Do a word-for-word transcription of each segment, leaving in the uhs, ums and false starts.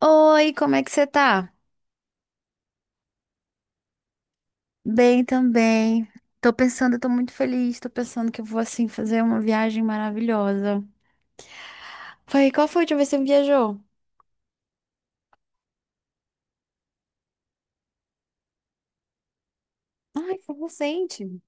Oi, como é que você tá? Bem também. Tô pensando, eu tô muito feliz, tô pensando que eu vou assim fazer uma viagem maravilhosa. Foi, qual foi a última vez que você viajou? Ai, foi recente.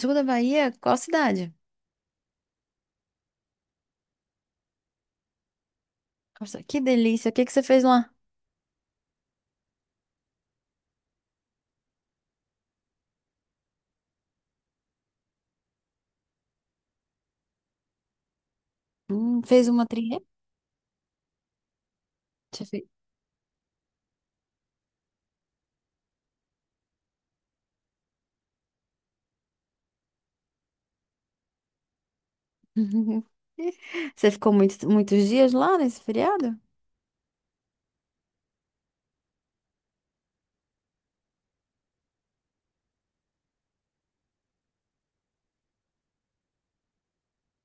Sul da Bahia? Qual cidade? Nossa, que delícia. O que que você fez lá? Hum, fez uma trilha? Você fez... Você ficou muito, muitos dias lá nesse feriado?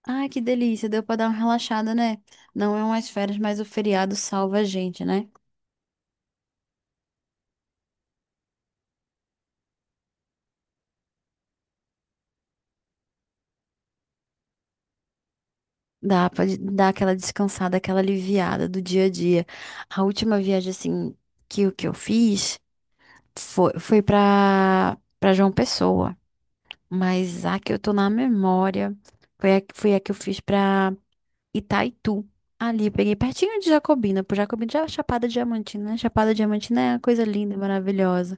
Ai, que delícia. Deu pra dar uma relaxada, né? Não é umas férias, mas o feriado salva a gente, né? Dá pra de- dar aquela descansada, aquela aliviada do dia a dia. A última viagem, assim, que, o que eu fiz foi, foi pra, pra João Pessoa. Mas a que eu tô na memória foi a, foi a que eu fiz pra Itaitu. Ali, eu peguei pertinho de Jacobina, por Jacobina já é Chapada Diamantina, né? Chapada Diamantina é uma coisa linda, maravilhosa.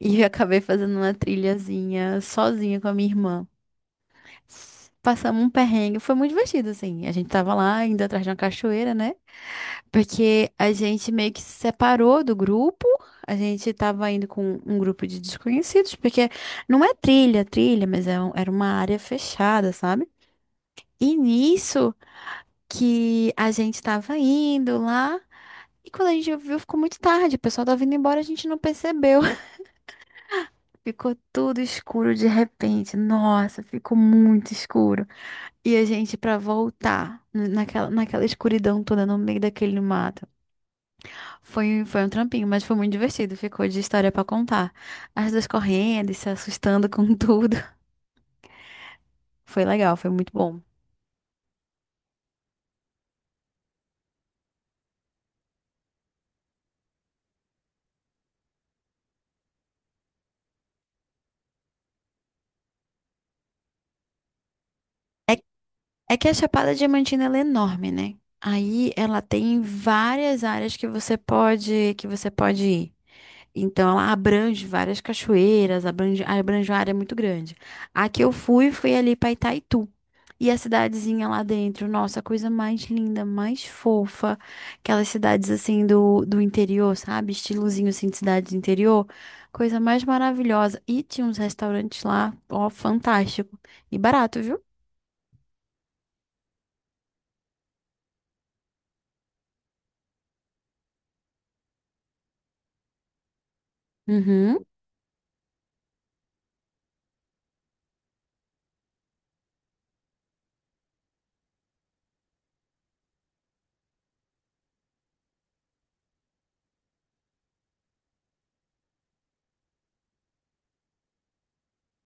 E eu acabei fazendo uma trilhazinha sozinha com a minha irmã. Passamos um perrengue, foi muito divertido, assim. A gente tava lá indo atrás de uma cachoeira, né? Porque a gente meio que se separou do grupo. A gente tava indo com um grupo de desconhecidos, porque não é trilha, trilha, mas é um- era uma área fechada, sabe? E nisso que a gente tava indo lá. E quando a gente viu, ficou muito tarde. O pessoal tava indo embora, a gente não percebeu. Ficou tudo escuro de repente. Nossa, ficou muito escuro. E a gente, pra voltar n- naquela, naquela escuridão toda no meio daquele mato, foi, foi um trampinho, mas foi muito divertido. Ficou de história pra contar. As duas correndo e se assustando com tudo. Foi legal, foi muito bom. É, é que a Chapada Diamantina ela é enorme, né? Aí ela tem várias áreas que você pode, que você pode ir. Então, ela abrange várias cachoeiras, abrange, abrange uma área muito grande. A que eu fui foi ali para Itaitu. E a cidadezinha lá dentro, nossa, a coisa mais linda, mais fofa. Aquelas cidades assim do, do interior, sabe? Estilozinho assim de cidade do interior. Coisa mais maravilhosa. E tinha uns restaurantes lá, ó, fantástico. E barato, viu? Uhum.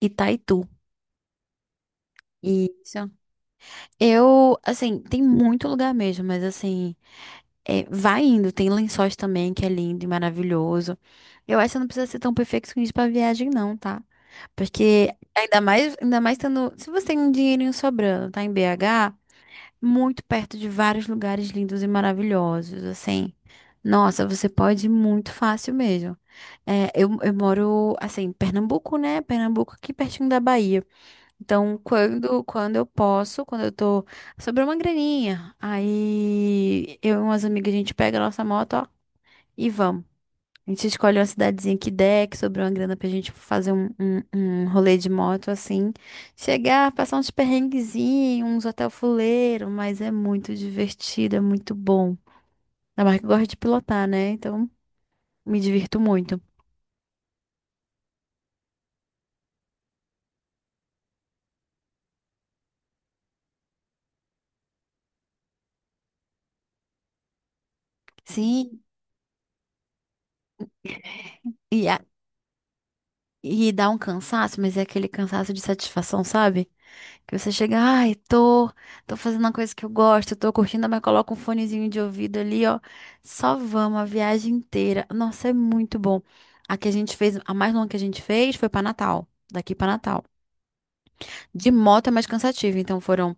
Itaitu. Isso. Eu, assim, tem muito lugar mesmo, mas assim. É, vai indo, tem Lençóis também, que é lindo e maravilhoso. Eu acho que você não precisa ser tão perfeccionista pra viagem, não, tá? Porque ainda mais, ainda mais tendo. Se você tem um dinheirinho sobrando, tá em B H, muito perto de vários lugares lindos e maravilhosos, assim. Nossa, você pode ir muito fácil mesmo. É, eu, eu moro, assim, em Pernambuco, né? Pernambuco aqui pertinho da Bahia. Então, quando, quando eu posso, quando eu tô. Sobrou uma graninha. Aí eu e umas amigas, a gente pega a nossa moto, ó, e vamos. A gente escolhe uma cidadezinha que der, que sobrou uma grana pra gente fazer um, um, um rolê de moto, assim. Chegar, passar uns perrenguezinhos, uns hotel fuleiro, mas é muito divertido, é muito bom. Ainda mais que eu gosto de pilotar, né? Então, me divirto muito. Sim. E E dá um cansaço, mas é aquele cansaço de satisfação, sabe? Que você chega, ai, tô, tô fazendo uma coisa que eu gosto, tô curtindo, mas coloca um fonezinho de ouvido ali, ó. Só vamos a viagem inteira. Nossa, é muito bom. A que a gente fez, a mais longa que a gente fez foi pra Natal, daqui pra Natal. De moto é mais cansativo, então foram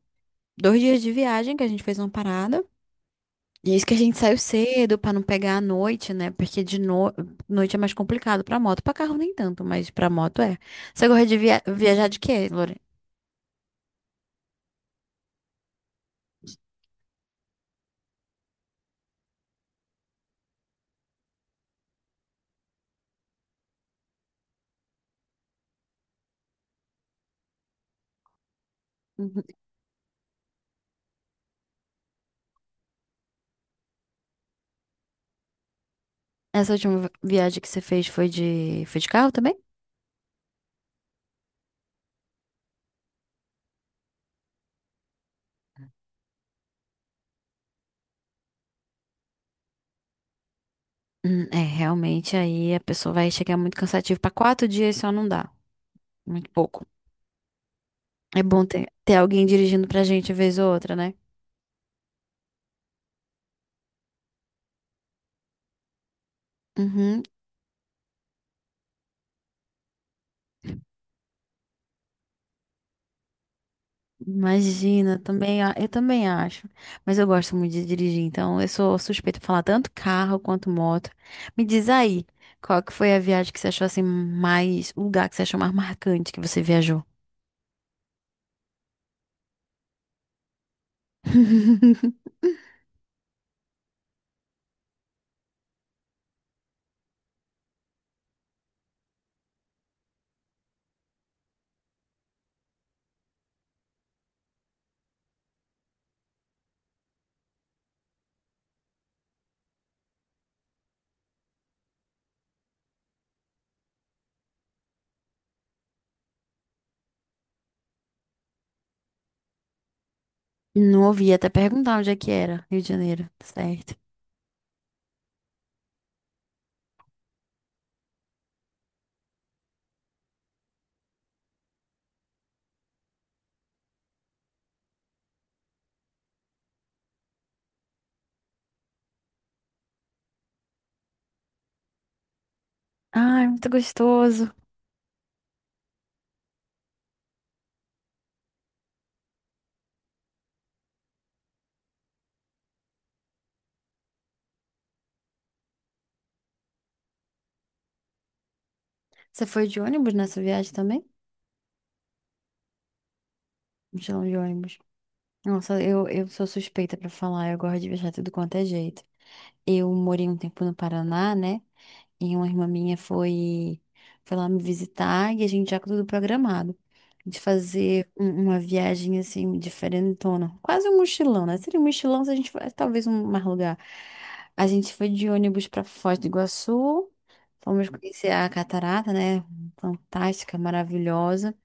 dois dias de viagem que a gente fez uma parada. E isso que a gente saiu cedo pra não pegar à noite, né? Porque de no... noite é mais complicado pra moto, Pra carro nem tanto, mas pra moto é. Você gosta de via... viajar de quê, Lore? Uhum. Essa última vi- viagem que você fez foi de foi de carro também? Hum, é, realmente aí a pessoa vai chegar muito cansativa Pra quatro dias só não dá, muito pouco. É bom ter, ter alguém dirigindo pra gente vez ou outra, né? Uhum. Imagina, também, a- eu também acho. Mas eu gosto muito de dirigir, então eu sou suspeita pra falar tanto carro quanto moto. Me diz aí, qual que foi a viagem que você achou assim mais, o lugar que você achou mais marcante que você viajou? Não ouvi até perguntar onde é que era, Rio de Janeiro, tá certo. Ai, muito gostoso. Você foi de ônibus nessa viagem também? Mochilão de ônibus. Nossa, eu, eu sou suspeita pra falar, eu gosto de viajar tudo quanto é jeito. Eu morei um tempo no Paraná, né? E uma irmã minha foi, foi lá me visitar e a gente já com tudo programado. De fazer um- uma viagem assim, diferentona. Quase um mochilão, né? Seria um mochilão se a gente fosse, talvez um mais lugar. A gente foi de ônibus pra Foz do Iguaçu. Fomos conhecer a catarata, né? Fantástica, maravilhosa.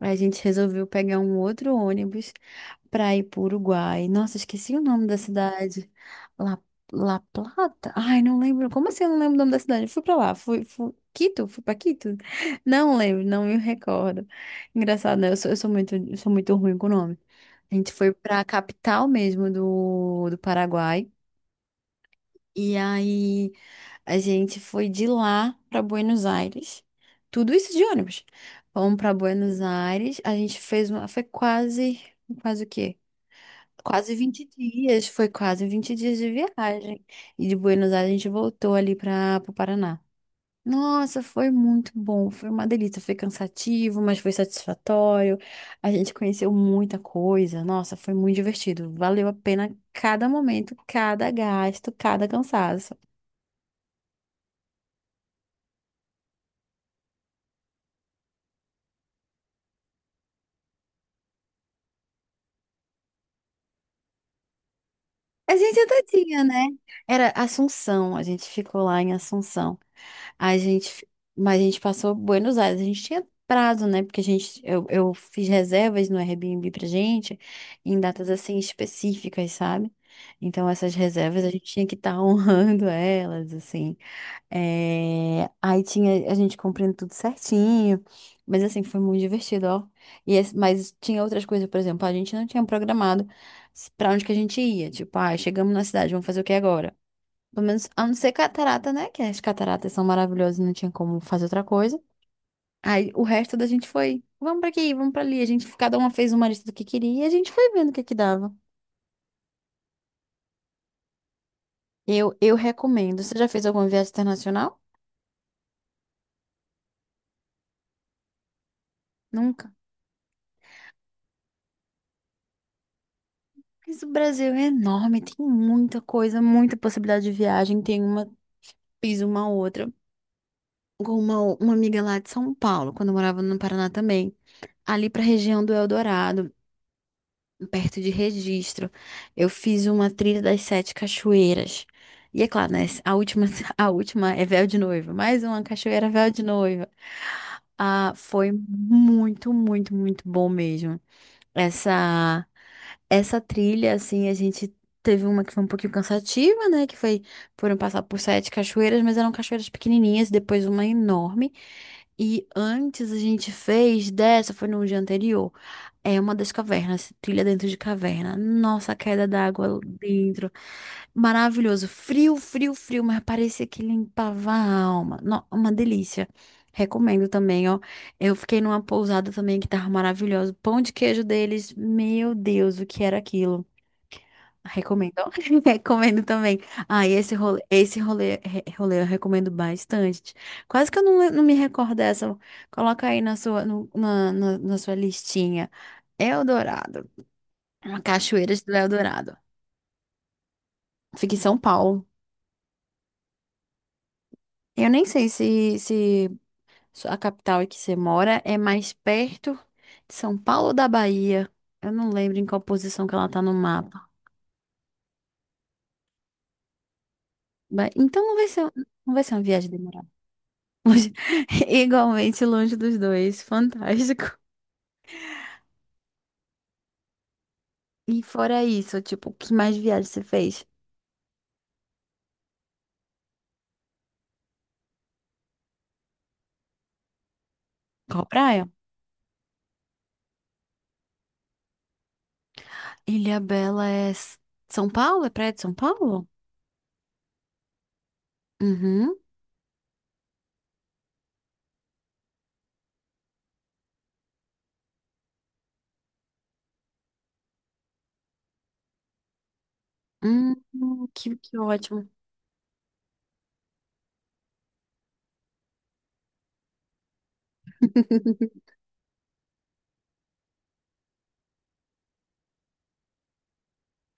A gente resolveu pegar um outro ônibus para ir para o Uruguai. Nossa, esqueci o nome da cidade. La, La Plata? Ai, não lembro. Como assim eu não lembro o nome da cidade? Eu fui para lá. Fui, fui... Quito? Fui para Quito? Não lembro, não me recordo. Engraçado, né? Eu sou, eu sou muito, eu sou muito ruim com o nome. A gente foi para a capital mesmo do, do Paraguai. E aí a gente foi de lá para Buenos Aires. Tudo isso de ônibus. Vamos para Buenos Aires. A gente fez uma. Foi quase. Quase o quê? Quase vinte dias. Foi quase vinte dias de viagem. E de Buenos Aires a gente voltou ali para o Paraná. Nossa, foi muito bom. Foi uma delícia. Foi cansativo, mas foi satisfatório. A gente conheceu muita coisa. Nossa, foi muito divertido. Valeu a pena cada momento, cada gasto, cada cansaço. A gente até tinha, né? Era Assunção, a gente ficou lá em Assunção. A gente, fi- mas a gente passou Buenos Aires, a gente tinha prazo, né? Porque a gente, eu, eu fiz reservas no Airbnb pra gente em datas assim específicas, sabe? Então essas reservas a gente tinha que estar honrando elas, assim. É, aí tinha a gente cumprindo tudo certinho, mas assim, foi muito divertido, ó. E esse- mas tinha outras coisas, por exemplo, a gente não tinha programado s- pra onde que a gente ia. Tipo, ah, chegamos na cidade, vamos fazer o que agora? Pelo menos, a não ser catarata, né? Que as cataratas são maravilhosas, e não tinha como fazer outra coisa. Aí o resto da gente foi, vamos pra aqui, vamos pra ali. A gente, cada uma fez uma lista do que queria e a gente foi vendo o que que dava. Eu, eu recomendo. Você já fez alguma viagem internacional? Nunca. Mas o Brasil é enorme, tem muita coisa, muita possibilidade de viagem. Tem uma, fiz uma outra com uma, uma amiga lá de São Paulo, quando eu morava no Paraná também. Ali para a região do Eldorado, perto de Registro, eu fiz uma trilha das Sete Cachoeiras. E é claro, né? A última, a última é véu de noiva, mais uma cachoeira véu de noiva. Ah, foi muito, muito, muito bom mesmo essa essa trilha, assim, a gente teve uma que foi um pouquinho cansativa, né? Que foi, foram passar por sete cachoeiras, mas eram cachoeiras pequenininhas, depois uma enorme. E antes a gente fez dessa, foi no dia anterior. É uma das cavernas, trilha dentro de caverna. Nossa, a queda d'água dentro. Maravilhoso. Frio, frio, frio, mas parecia que limpava a alma. No- uma delícia. Recomendo também, ó. Eu fiquei numa pousada também que tava maravilhosa. Pão de queijo deles, meu Deus, o que era aquilo? Recomendo. Recomendo também. Ah, e esse rolê, esse rolê, re- rolê eu recomendo bastante. Quase que eu não, não me recordo dessa. Coloca aí na sua, no- na, na, na sua listinha. Eldorado. Cachoeiras do Eldorado. Fica em São Paulo. Eu nem sei se, se A capital em que você mora é mais perto de São Paulo ou da Bahia? Eu não lembro em qual posição que ela tá no mapa. Ba- Então não vai ser, um, não vai ser uma viagem demorada. Longe- Igualmente longe dos dois. Fantástico. E fora isso, tipo, que mais viagem você fez? Qual praia? Ilhabela é S- São Paulo? É praia de São Paulo? Uhum. Hum, que, que ótimo.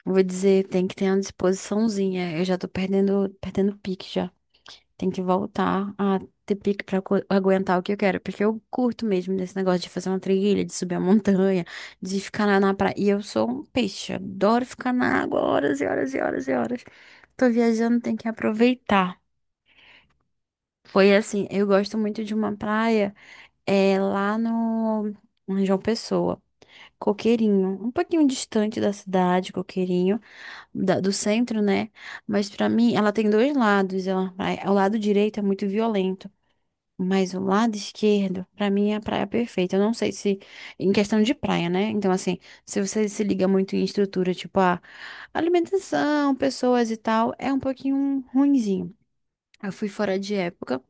Vou dizer, tem que ter uma disposiçãozinha. Eu já tô perdendo, perdendo pique já. Tem que voltar a ter pique pra co- aguentar o que eu quero. Porque eu curto mesmo desse negócio de fazer uma trilha, de subir a montanha, de ficar na, na praia. E eu sou um peixe, adoro ficar na água horas e horas e horas e horas. Tô viajando, tem que aproveitar. Foi assim, eu gosto muito de uma praia é, lá no em João Pessoa. Coqueirinho, um pouquinho distante da cidade, Coqueirinho, da- do centro, né? Mas pra mim, ela tem dois lados. Ela, é- o lado direito é muito violento. Mas o lado esquerdo, pra mim, é a praia perfeita. Eu não sei se, em questão de praia, né? Então, assim, se você se liga muito em estrutura, tipo, a alimentação, pessoas e tal, é um pouquinho ruinzinho. Eu fui fora de época.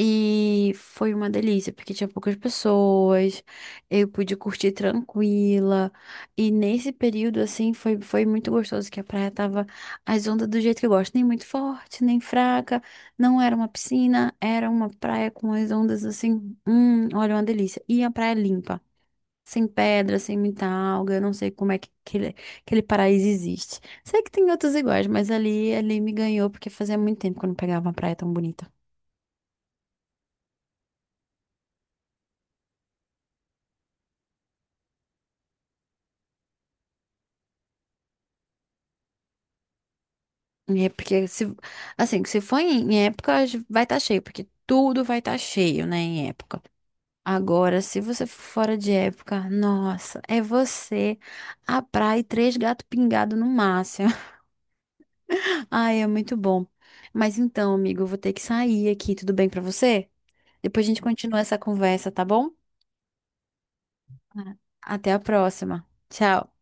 E foi uma delícia, porque tinha poucas pessoas, eu pude curtir tranquila. E nesse período, assim, foi, foi muito gostoso, que a praia tava as ondas do jeito que eu gosto, nem muito forte, nem fraca. Não era uma piscina, era uma praia com as ondas assim. Hum, olha, uma delícia. E a praia limpa. Sem pedra, sem muita alga, eu não sei como é que aquele, aquele, paraíso existe. Sei que tem outros iguais, mas ali, ali me ganhou, porque fazia muito tempo que eu não pegava uma praia tão bonita. É porque se, assim, se for em época, vai estar cheio, porque tudo vai estar cheio, né, em época. Agora, se você for fora de época, nossa, é você, a praia e três gatos pingados no máximo. Ai, é muito bom. Mas então, amigo, eu vou ter que sair aqui, tudo bem pra você? Depois a gente continua essa conversa, tá bom? Ah. Até a próxima. Tchau.